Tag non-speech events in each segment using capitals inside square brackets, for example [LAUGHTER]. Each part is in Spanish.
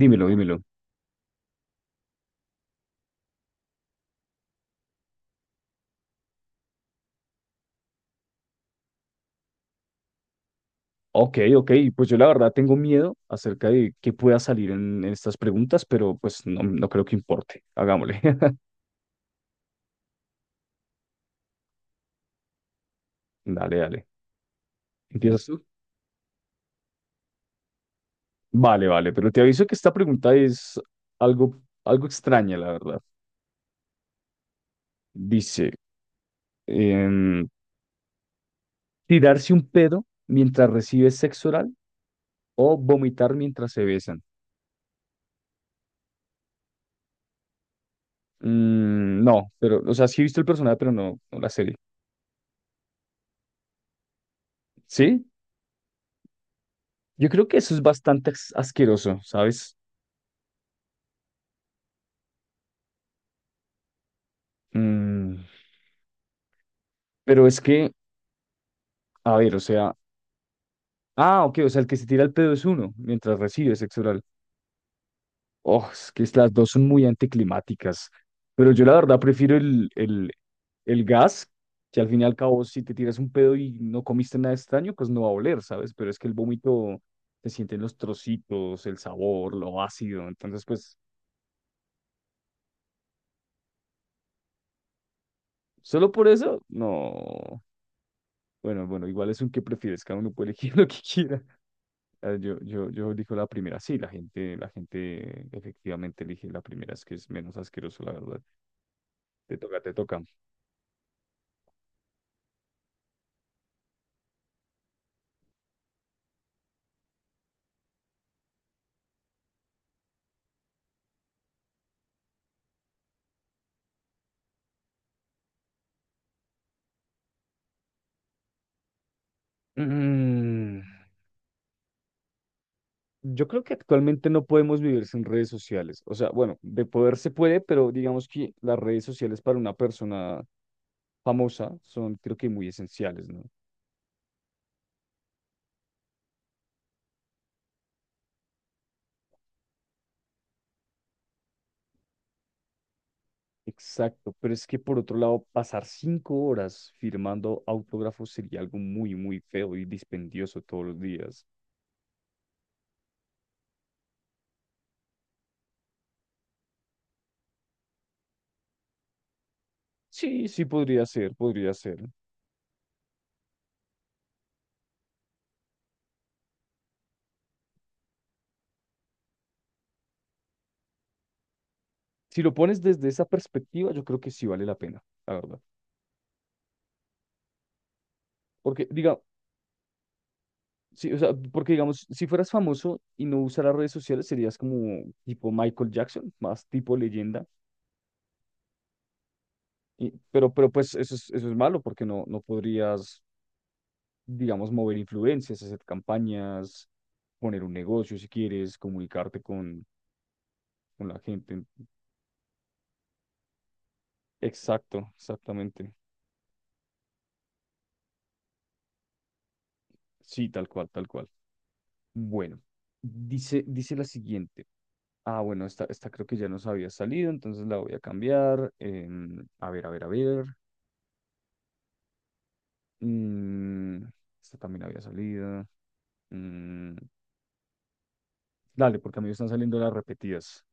Dímelo, dímelo. Ok, ok. Pues yo la verdad tengo miedo acerca de qué pueda salir en estas preguntas, pero pues no, no creo que importe. Hagámosle. [LAUGHS] Dale, dale. ¿Empiezas tú? Vale, vale. Pero te aviso que esta pregunta es algo, algo extraña, la verdad. Dice, em, ¿tirarse un pedo mientras recibes sexo oral o vomitar mientras se besan? Mm, no, pero, o sea, sí he visto el personaje, pero no, no la serie. ¿Sí? Yo creo que eso es bastante asqueroso, ¿sabes? Mm, pero es que, a ver, o sea, ah, ok, o sea, el que se tira el pedo es uno mientras recibe sexo oral. Oh, es que las dos son muy anticlimáticas. Pero yo la verdad prefiero el gas, que al fin y al cabo, si te tiras un pedo y no comiste nada extraño, pues no va a oler, ¿sabes? Pero es que el vómito se sienten los trocitos, el sabor, lo ácido. Entonces, pues, solo por eso, no. Bueno, bueno, igual es un que prefieres, cada uno puede elegir [LAUGHS] lo que quiera. Yo digo la primera, sí, la gente efectivamente elige la primera, es que es menos asqueroso, la verdad. Te toca, te toca. Mm, yo creo que actualmente no podemos vivir sin redes sociales. O sea, bueno, de poder se puede, pero digamos que las redes sociales para una persona famosa son, creo que muy esenciales, ¿no? Exacto, pero es que por otro lado, pasar 5 horas firmando autógrafos sería algo muy, muy feo y dispendioso todos los días. Sí, sí podría ser, podría ser. Si lo pones desde esa perspectiva, yo creo que sí vale la pena, la verdad. Porque, diga, sí, o sea, porque digamos, si fueras famoso y no usaras redes sociales, serías como tipo Michael Jackson, más tipo leyenda. Pero pues eso es malo porque no, no podrías, digamos, mover influencias, hacer campañas, poner un negocio si quieres, comunicarte con la gente. Exacto, exactamente. Sí, tal cual, tal cual. Bueno, dice, dice la siguiente. Ah, bueno, esta creo que ya nos había salido, entonces la voy a cambiar. Em, a ver, a ver, a ver. Mm, esta también había salido. Mm, dale, porque a mí me están saliendo las repetidas.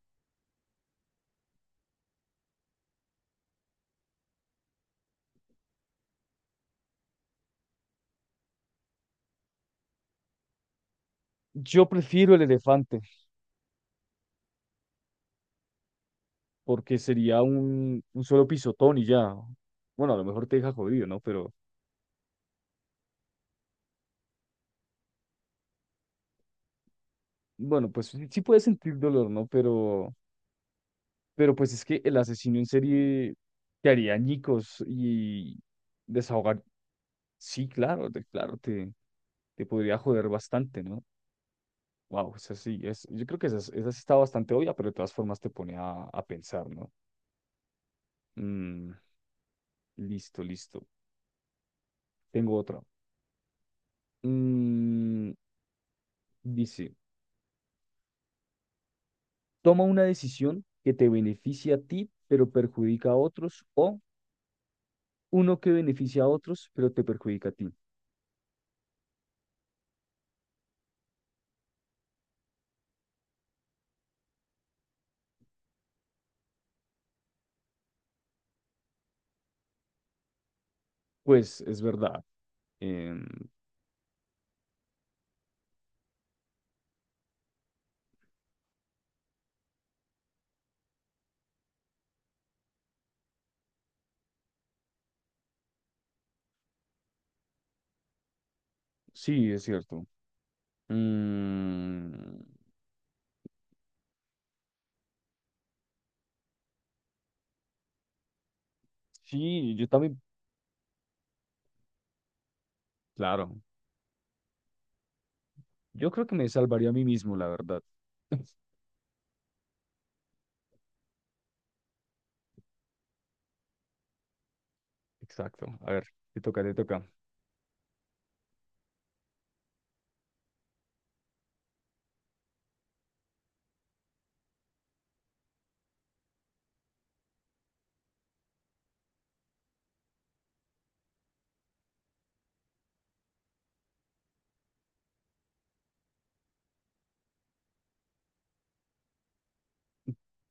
Yo prefiero el elefante, porque sería un solo pisotón y ya. Bueno, a lo mejor te deja jodido, ¿no? Pero bueno, pues sí, sí puedes sentir dolor, ¿no? Pero pues es que el asesino en serie te haría añicos y desahogar. Sí, claro, te podría joder bastante, ¿no? Wow, es así, es, yo creo que esa, esa sí está bastante obvia, pero de todas formas te pone a pensar, ¿no? Mm, listo, listo. Tengo otra. Mm, dice, toma una decisión que te beneficia a ti, pero perjudica a otros, o uno que beneficia a otros, pero te perjudica a ti. Pues es verdad. Em, sí, es cierto. Mm, sí, yo también, claro. Yo creo que me salvaría a mí mismo, la verdad. [LAUGHS] Exacto. A ver, te toca, te toca.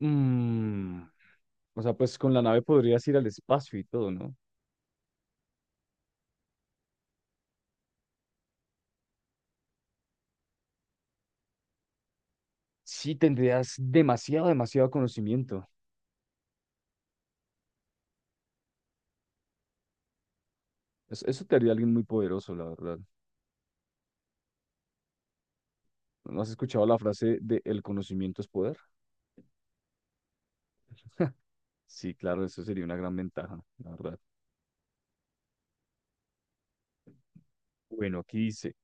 Mm, o sea, pues con la nave podrías ir al espacio y todo, ¿no? Sí, tendrías demasiado, demasiado conocimiento. Eso, te haría alguien muy poderoso, la verdad. ¿No has escuchado la frase de el conocimiento es poder? Sí, claro, eso sería una gran ventaja, la verdad. Bueno, aquí dice,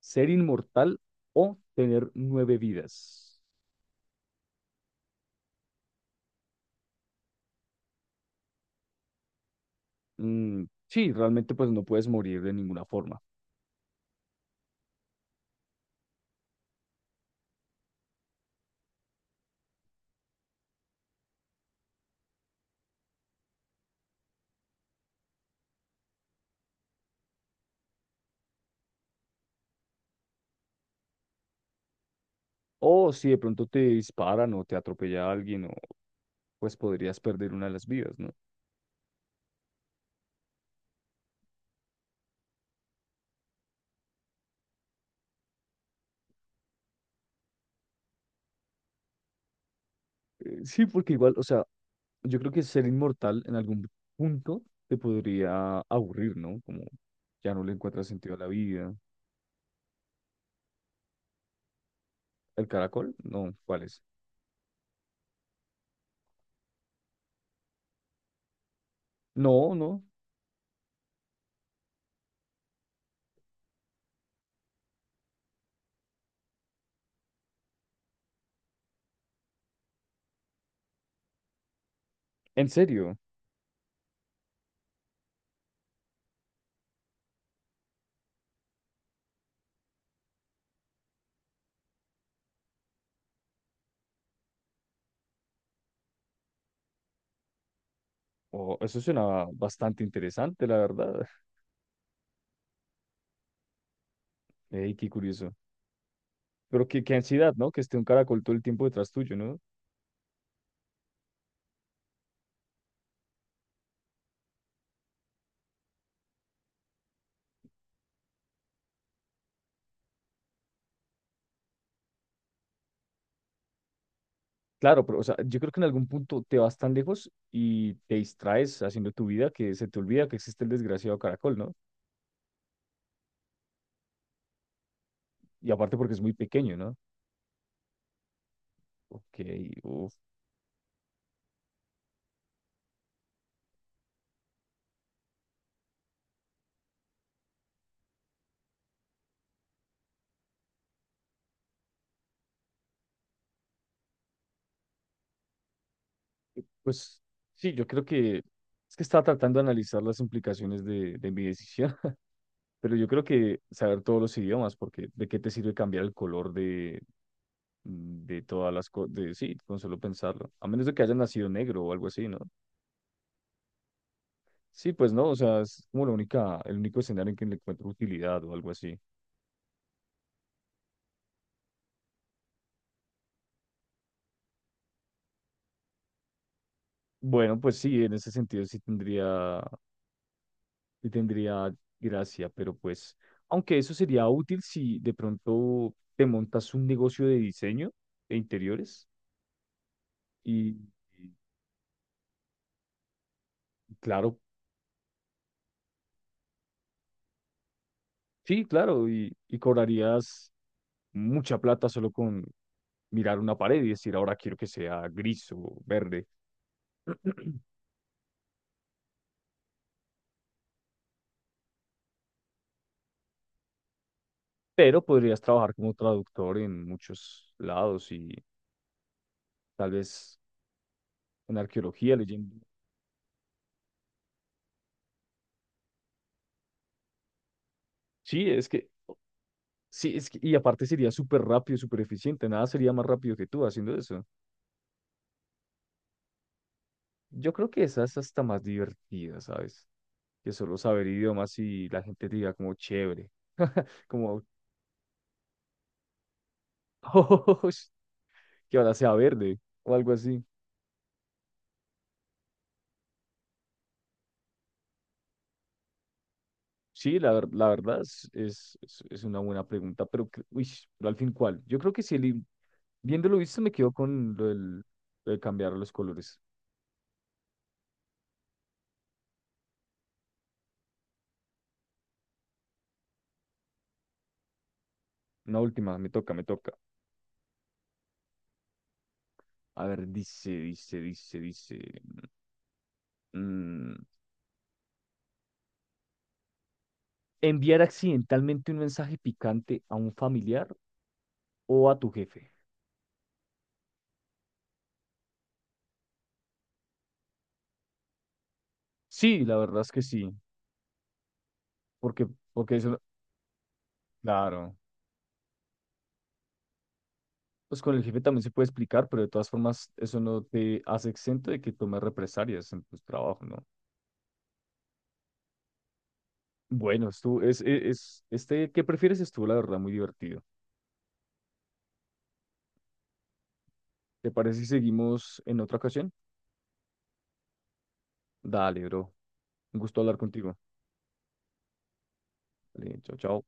ser inmortal o tener 9 vidas. Mm, sí, realmente pues no puedes morir de ninguna forma. O si de pronto te disparan o te atropella alguien o pues podrías perder una de las vidas, ¿no? Sí, porque igual, o sea, yo creo que ser inmortal en algún punto te podría aburrir, ¿no? Como ya no le encuentras sentido a la vida. ¿El caracol? No, ¿cuál es? No, no, en serio. Oh, eso suena bastante interesante, la verdad. Ey, qué curioso. Pero qué, qué ansiedad, ¿no? Que esté un caracol todo el tiempo detrás tuyo, ¿no? Claro, pero o sea, yo creo que en algún punto te vas tan lejos y te distraes haciendo tu vida que se te olvida que existe el desgraciado caracol, ¿no? Y aparte porque es muy pequeño, ¿no? Ok, uf. Pues sí, yo creo que es que estaba tratando de analizar las implicaciones de mi decisión, [LAUGHS] pero yo creo que saber todos los idiomas, porque ¿de qué te sirve cambiar el color de, mm, de todas las cosas? De, sí, con solo pensarlo, a menos de que haya nacido negro o algo así, ¿no? Sí, pues no, o sea, es como la única, el único escenario en que le encuentro utilidad o algo así. Bueno, pues sí, en ese sentido sí tendría y tendría gracia, pero pues, aunque eso sería útil si de pronto te montas un negocio de diseño de interiores y, y claro, sí, claro, y cobrarías mucha plata solo con mirar una pared y decir, ahora quiero que sea gris o verde, pero podrías trabajar como traductor en muchos lados y tal vez en arqueología, leyendo. Sí, es que... Sí, es que, y aparte sería súper rápido, súper eficiente, nada sería más rápido que tú haciendo eso. Yo creo que esa es hasta más divertida, ¿sabes? Que solo saber idiomas y la gente diga como chévere, como [LAUGHS] "Oh, que ahora sea verde o algo así. Sí, la, la verdad es, es una buena pregunta, pero, uy, pero al fin, ¿cuál? Yo creo que si viéndolo visto me quedo con lo del, lo de cambiar los colores. Una última, me toca, me toca. A ver, dice. Mm, enviar accidentalmente un mensaje picante a un familiar o a tu jefe. Sí, la verdad es que sí, porque, porque eso, claro, pues con el jefe también se puede explicar, pero de todas formas eso no te hace exento de que tomes represalias en tu trabajo, ¿no? Bueno, estuvo, es, es, este, ¿qué prefieres? Estuvo, la verdad, muy divertido. ¿Te parece si seguimos en otra ocasión? Dale, bro, un gusto hablar contigo. Dale, chao, chao.